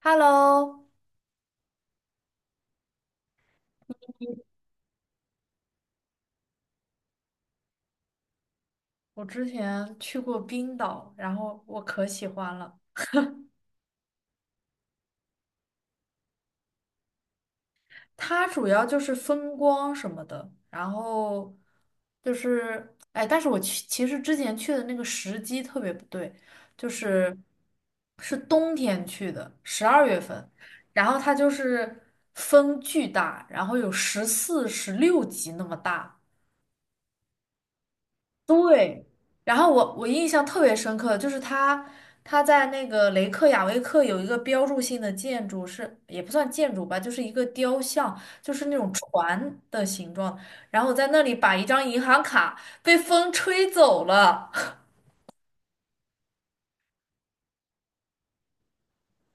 Hello，我之前去过冰岛，然后我可喜欢了。它主要就是风光什么的，然后就是，哎，但是我去，其实之前去的那个时机特别不对，就是冬天去的，十二月份，然后它就是风巨大，然后有十四、十六级那么大。对，然后我印象特别深刻，就是他在那个雷克雅未克有一个标志性的建筑是，也不算建筑吧，就是一个雕像，就是那种船的形状，然后我在那里把一张银行卡被风吹走了。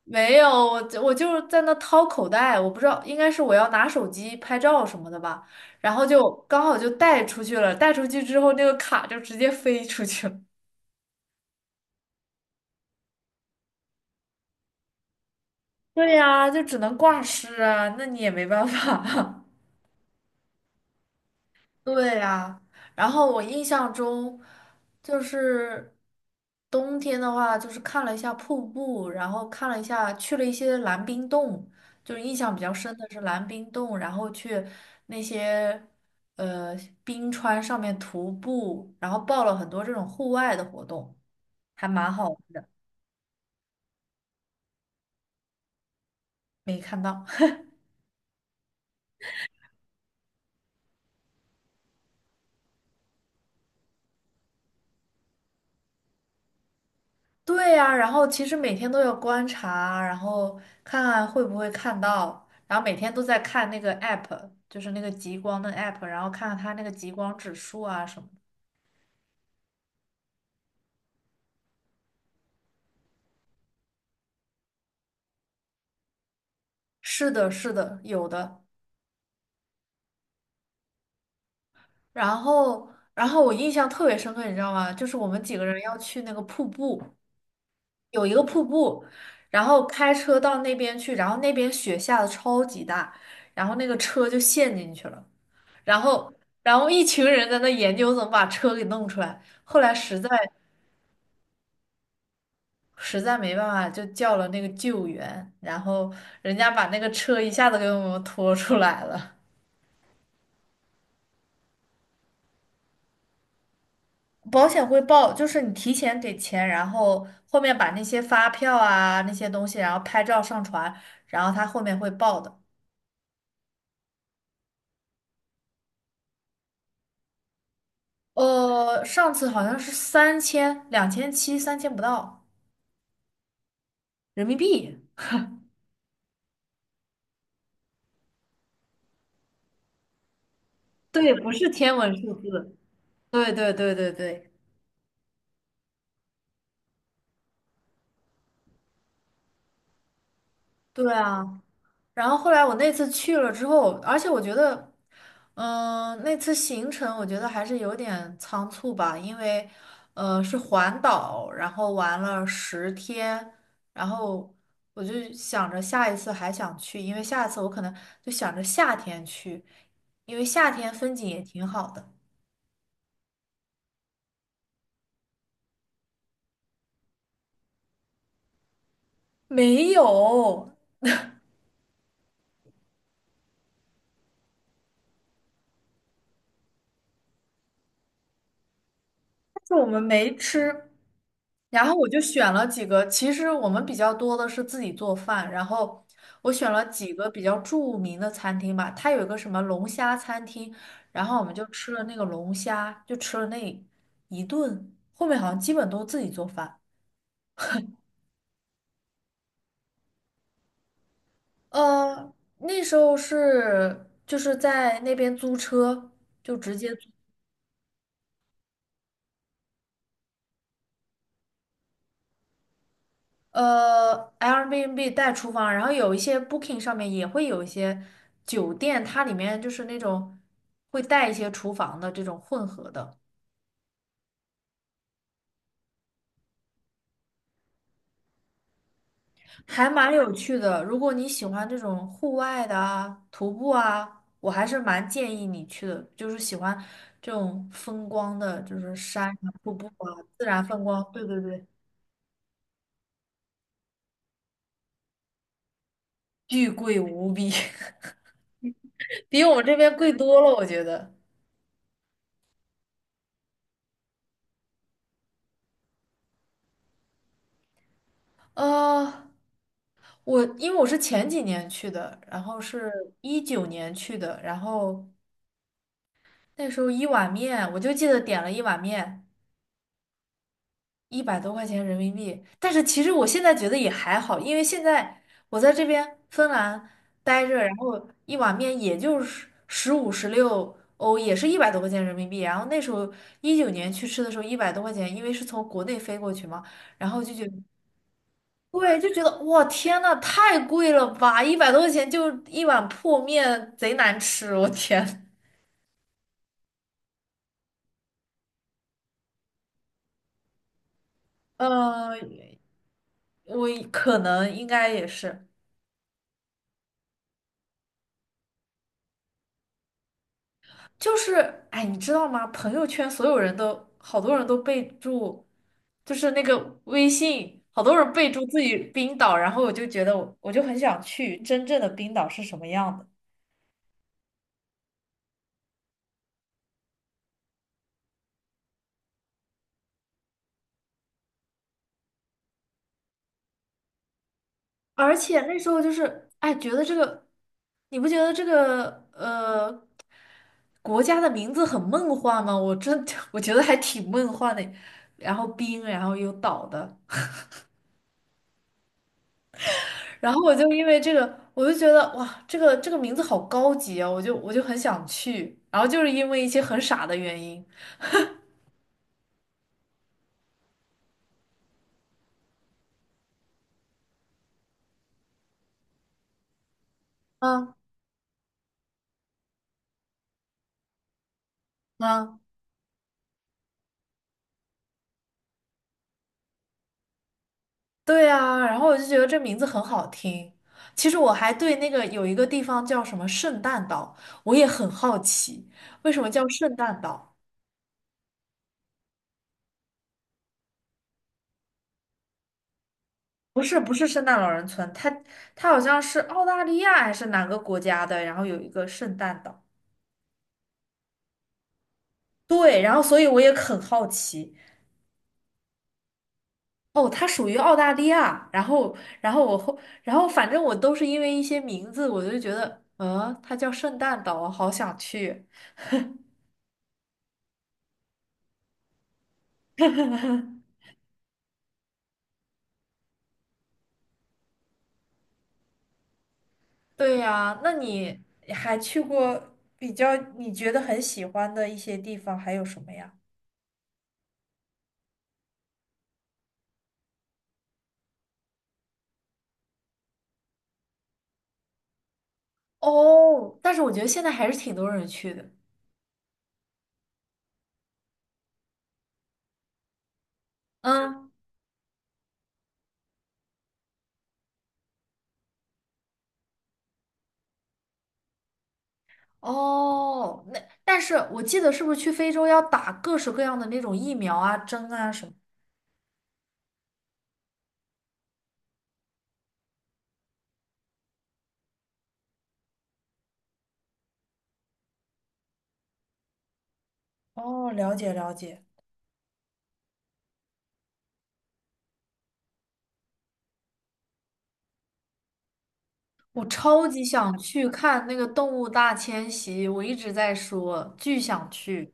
没有，我是在那掏口袋，我不知道，应该是我要拿手机拍照什么的吧，然后就刚好就带出去了，带出去之后那个卡就直接飞出去了。对呀，就只能挂失啊，那你也没办法。对呀，然后我印象中就是冬天的话，就是看了一下瀑布，然后看了一下去了一些蓝冰洞，就是印象比较深的是蓝冰洞，然后去那些呃冰川上面徒步，然后报了很多这种户外的活动，还蛮好玩的，没看到。对呀，然后其实每天都有观察，然后看看会不会看到，然后每天都在看那个 app，就是那个极光的 app，然后看看它那个极光指数啊什么的。是的，是的，有的。然后我印象特别深刻，你知道吗？就是我们几个人要去那个瀑布，有一个瀑布，然后开车到那边去，然后那边雪下的超级大，然后那个车就陷进去了。然后然后一群人在那研究怎么把车给弄出来，后来实在没办法，就叫了那个救援，然后人家把那个车一下子给我们拖出来了。保险会报，就是你提前给钱，然后后面把那些发票啊那些东西，然后拍照上传，然后他后面会报的。上次好像是三千、两千七、三千不到人民币，对，不是天文数字。对对对对对，对啊。然后后来我那次去了之后，而且我觉得，嗯、那次行程我觉得还是有点仓促吧，因为，是环岛，然后玩了十天，然后我就想着下一次还想去，因为下一次我可能就想着夏天去，因为夏天风景也挺好的。没有，但是我们没吃，然后我就选了几个，其实我们比较多的是自己做饭，然后我选了几个比较著名的餐厅吧，它有一个什么龙虾餐厅，然后我们就吃了那个龙虾，就吃了那一顿，后面好像基本都自己做饭。呃，那时候就是在那边租车，就直接。Airbnb 带厨房，然后有一些 Booking 上面也会有一些酒店，它里面就是那种会带一些厨房的这种混合的，还蛮有趣的。如果你喜欢这种户外的啊，徒步啊，我还是蛮建议你去的，就是喜欢这种风光的，就是山啊、瀑布啊、自然风光。对对对，巨贵无比，比我们这边贵多了，我觉得。呃。我因为我是前几年去的，然后是一九年去的，然后那时候一碗面，我就记得点了一碗面，一百多块钱人民币。但是其实我现在觉得也还好，因为现在我在这边芬兰待着，然后一碗面也就是十五十六欧，也是一百多块钱人民币。然后那时候一九年去吃的时候一百多块钱，因为是从国内飞过去嘛，然后就觉得对，就觉得哇天呐，太贵了吧！一百多块钱就一碗破面，贼难吃，我天。呃，我可能应该也是，就是哎，你知道吗？朋友圈所有人都好多人都备注，就是那个微信，好多人备注自己冰岛，然后我就觉得我就很想去真正的冰岛是什么样的。而且那时候就是，哎，觉得这个，你不觉得这个国家的名字很梦幻吗？我真 我觉得还挺梦幻的。然后冰，然后有岛的，然后我就因为这个，我就觉得哇，这个名字好高级啊，我很想去。然后就是因为一些很傻的原因，啊啊，对啊，然后我就觉得这名字很好听。其实我还对那个有一个地方叫什么圣诞岛，我也很好奇，为什么叫圣诞岛？不是圣诞老人村，它好像是澳大利亚还是哪个国家的，然后有一个圣诞岛。对，然后所以我也很好奇，哦，它属于澳大利亚，然后然后我后然后反正我都是因为一些名字，我就觉得，嗯，它叫圣诞岛，我好想去。对呀，那你还去过比较你觉得很喜欢的一些地方还有什么呀？哦，但是我觉得现在还是挺多人去的。嗯。哦，那但是我记得是不是去非洲要打各式各样的那种疫苗啊、针啊什么？哦，了解了解。我超级想去看那个动物大迁徙，我一直在说，巨想去。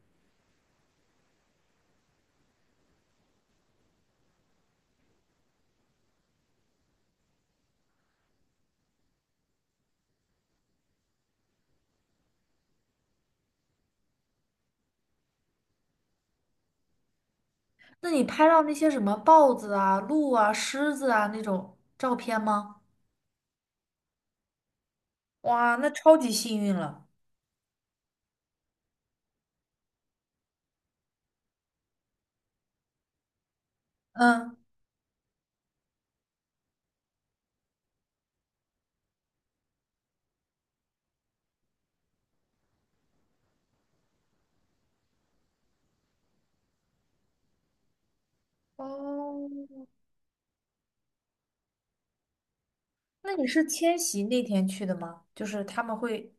那你拍到那些什么豹子啊、鹿啊、狮子啊那种照片吗？哇，那超级幸运了。嗯，哦，那你是迁徙那天去的吗？就是他们会。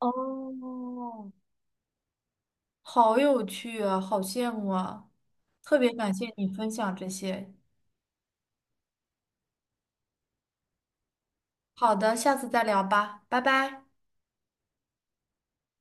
哦，好有趣啊，好羡慕啊！特别感谢你分享这些。好的，下次再聊吧，拜拜。